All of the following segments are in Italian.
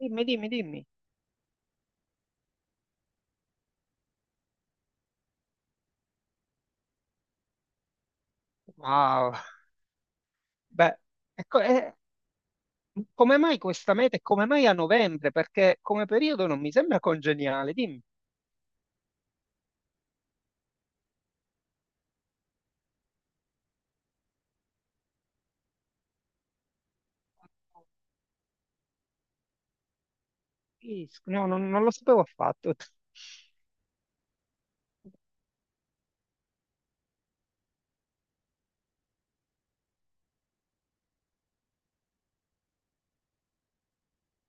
Dimmi, dimmi, dimmi. Wow. Beh, ecco, come mai questa meta e come mai a novembre? Perché come periodo non mi sembra congeniale. Dimmi. Sì, no, non lo sapevo affatto.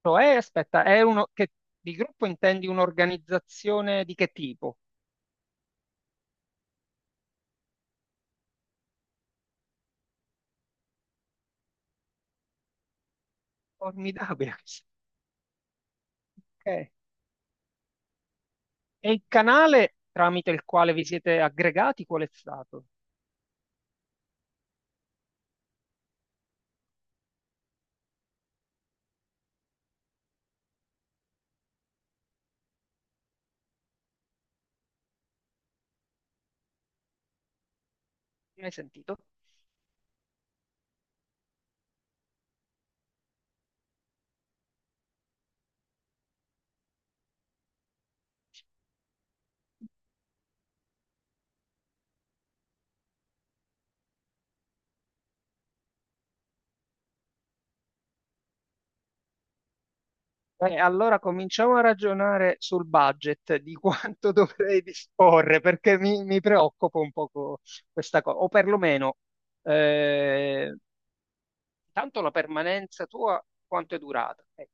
Cioè, aspetta, è uno che di gruppo intendi un'organizzazione di che tipo? Formidabile. questa. Ok. E il canale tramite il quale vi siete aggregati, qual è stato? Ne hai sentito? Allora cominciamo a ragionare sul budget di quanto dovrei disporre, perché mi preoccupa un poco questa cosa, o perlomeno, eh, tanto la permanenza tua quanto è durata?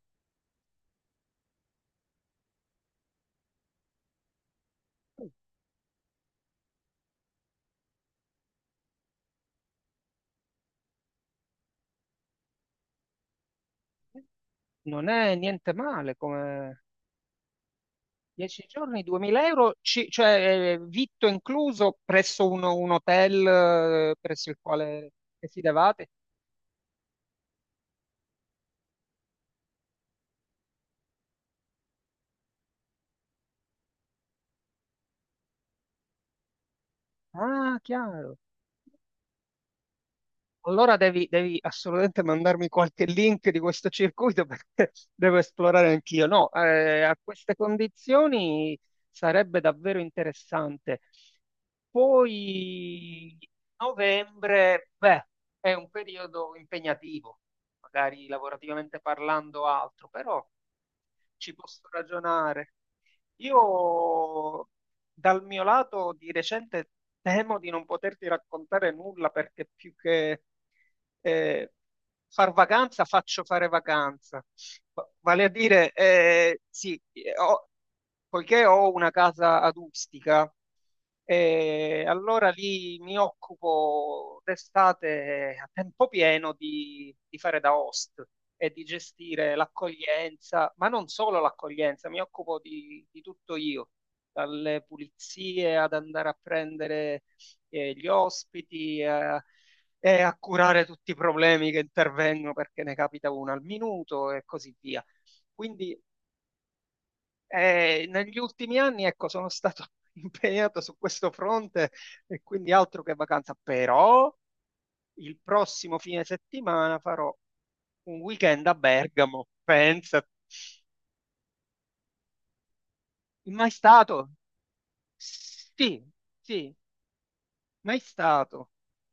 Non è niente male, come 10 giorni, 2000 euro, cioè vitto incluso presso un hotel presso il quale risiedevate? Ah, chiaro. Allora devi, devi assolutamente mandarmi qualche link di questo circuito perché devo esplorare anch'io. No, a queste condizioni sarebbe davvero interessante. Poi novembre, beh, è un periodo impegnativo, magari lavorativamente parlando altro, però ci posso ragionare. Io dal mio lato di recente temo di non poterti raccontare nulla perché più che eh, far vacanza faccio fare vacanza. Vale a dire, sì, poiché ho una casa adustica, e allora lì mi occupo d'estate a tempo pieno di fare da host e di gestire l'accoglienza, ma non solo l'accoglienza, mi occupo di tutto io, dalle pulizie ad andare a prendere gli ospiti e a curare tutti i problemi che intervengono perché ne capita uno al minuto e così via. Quindi negli ultimi anni, ecco, sono stato impegnato su questo fronte e quindi altro che vacanza, però il prossimo fine settimana farò un weekend a Bergamo, pensa. Mai stato? Sì, sì, mai stato.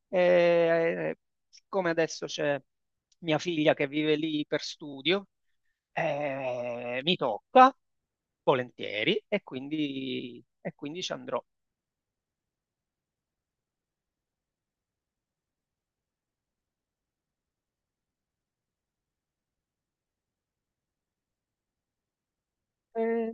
Eh, siccome adesso c'è mia figlia che vive lì per studio, mi tocca volentieri e quindi ci andrò. Eh,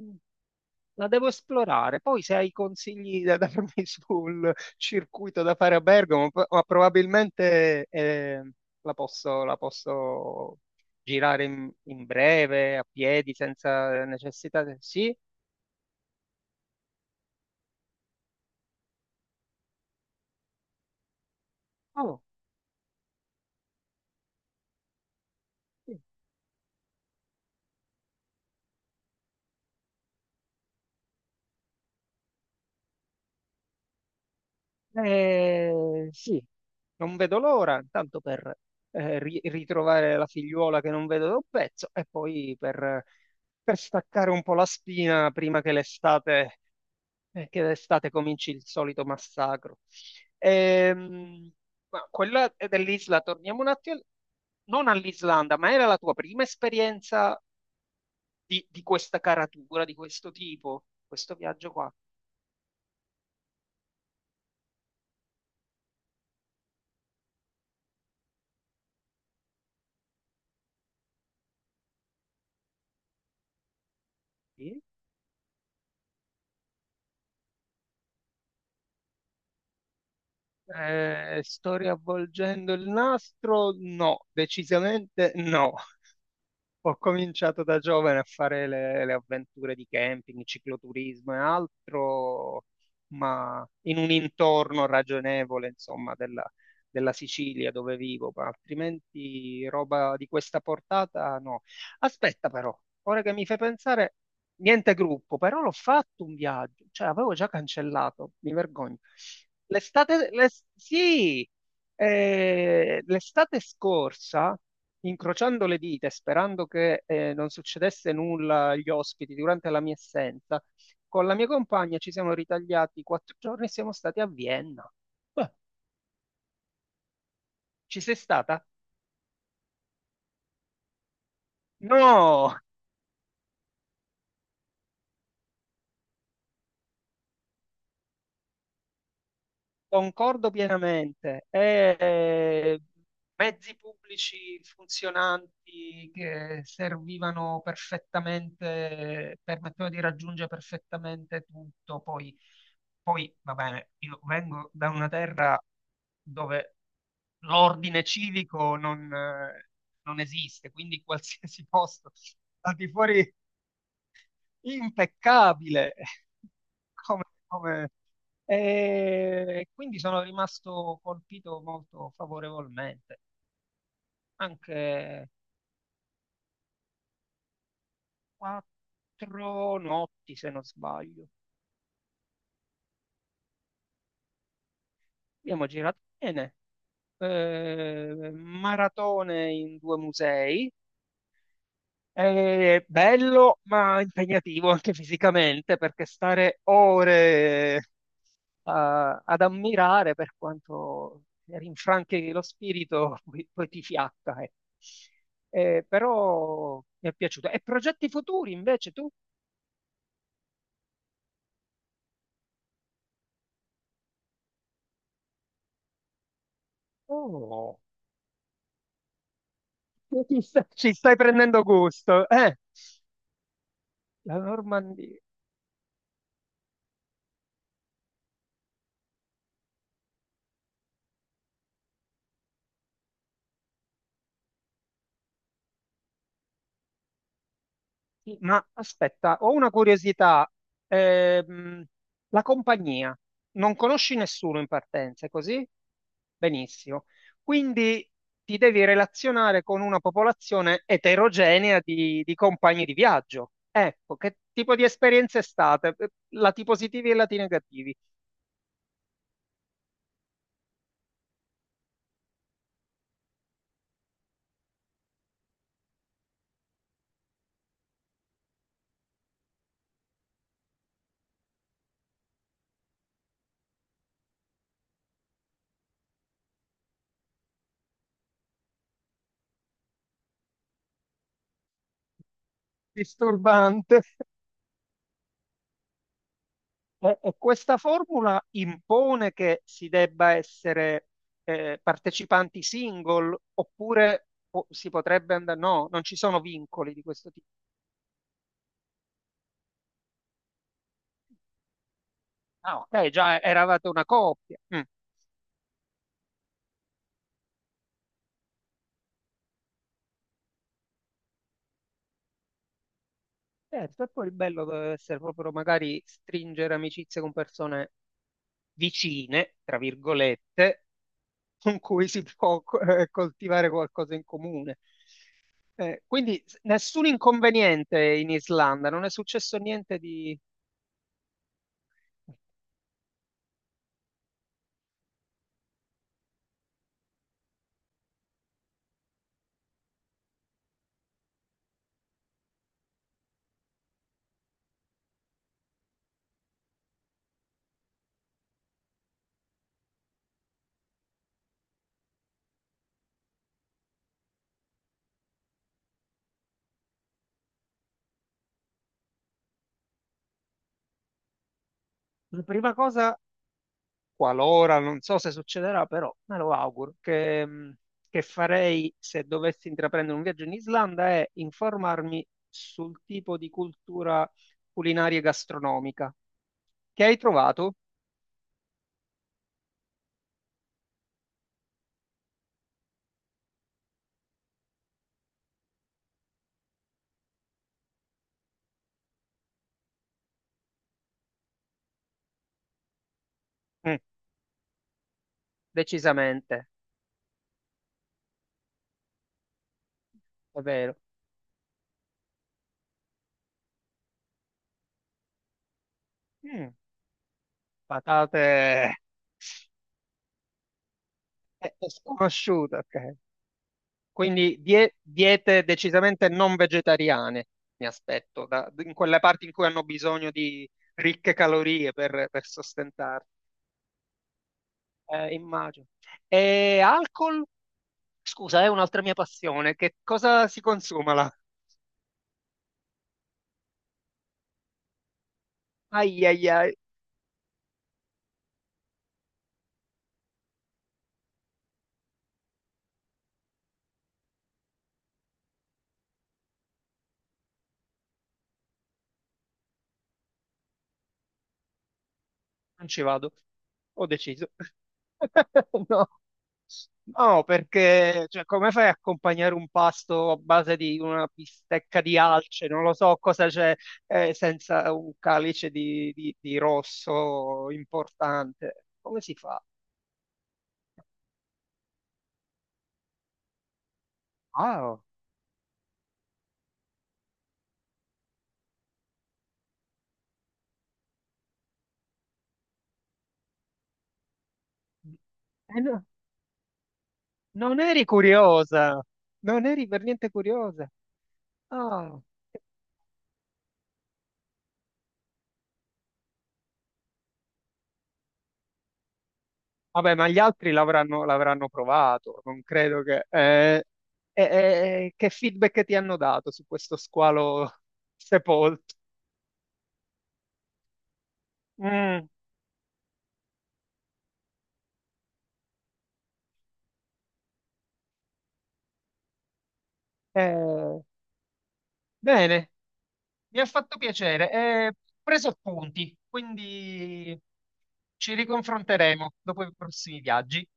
La devo esplorare. Poi se hai consigli da darmi sul circuito da fare a Bergamo, ma probabilmente la posso girare in, in breve, a piedi, senza necessità. Sì? Oh, sì. Sì. Non vedo l'ora, tanto per ritrovare la figliuola che non vedo da un pezzo e poi per staccare un po' la spina prima che l'estate che d'estate cominci il solito massacro. Ehm, ma quella è dell'Isla, torniamo un attimo, non all'Islanda, ma era la tua prima esperienza di questa caratura, di questo tipo, questo viaggio qua? Sì. Sto riavvolgendo il nastro? No, decisamente no. Ho cominciato da giovane a fare le avventure di camping, cicloturismo e altro, ma in un intorno ragionevole, insomma, della, della Sicilia dove vivo, ma altrimenti roba di questa portata no. Aspetta però, ora che mi fai pensare, niente gruppo, però l'ho fatto un viaggio, cioè avevo già cancellato, mi vergogno. Sì, l'estate scorsa incrociando le dita e sperando che non succedesse nulla agli ospiti durante la mia assenza, con la mia compagna ci siamo ritagliati quattro giorni e siamo stati a Vienna. Beh, ci sei stata? No, concordo pienamente. Mezzi pubblici funzionanti che servivano perfettamente, permettevano di raggiungere perfettamente tutto. Poi, poi va bene, io vengo da una terra dove l'ordine civico non, non esiste, quindi qualsiasi posto al di fuori impeccabile. Come, come- e quindi sono rimasto colpito molto favorevolmente. Anche quattro notti, se non sbaglio. Abbiamo girato bene. Maratone in due musei. È bello ma impegnativo anche fisicamente perché stare ore ad ammirare per quanto rinfranchi lo spirito poi, poi ti fiacca. Però mi è piaciuto. E progetti futuri invece tu? Oh, ci stai prendendo gusto. La Normandia. Sì, ma aspetta, ho una curiosità. Ehm, la compagnia, non conosci nessuno in partenza, è così? Benissimo. Quindi ti devi relazionare con una popolazione eterogenea di compagni di viaggio. Ecco, che tipo di esperienze è stata? Lati positivi e lati negativi. Disturbante. E questa formula impone che si debba essere partecipanti single oppure si potrebbe andare... No, non ci sono vincoli di questo tipo. Ah, ok, già eravate una coppia. Mm. Certo, e poi il bello deve essere proprio magari stringere amicizie con persone vicine, tra virgolette, con cui si può coltivare qualcosa in comune. Quindi nessun inconveniente in Islanda, non è successo niente di... La prima cosa, qualora, non so se succederà, però me lo auguro, che farei se dovessi intraprendere un viaggio in Islanda è informarmi sul tipo di cultura culinaria e gastronomica che hai trovato. Mm, decisamente, è vero. Mm, patate sconosciute, ok. Quindi diete decisamente non vegetariane, mi aspetto, in quelle parti in cui hanno bisogno di ricche calorie per sostentarsi. Immagino. E alcol? Scusa, è un'altra mia passione. Che cosa si consuma là? Ai ai ai, non ci vado. Ho deciso. No. No, perché cioè, come fai a accompagnare un pasto a base di una bistecca di alce? Non lo so cosa c'è senza un calice di, di rosso importante. Come si fa? Ah, no, non eri curiosa, non eri per niente curiosa. Ah. Vabbè, ma gli altri l'avranno l'avranno provato, non credo eh, eh, che feedback ti hanno dato su questo squalo sepolto? Mm. Eh, bene, mi ha fatto piacere. Ho preso appunti, quindi ci riconfronteremo dopo i prossimi viaggi.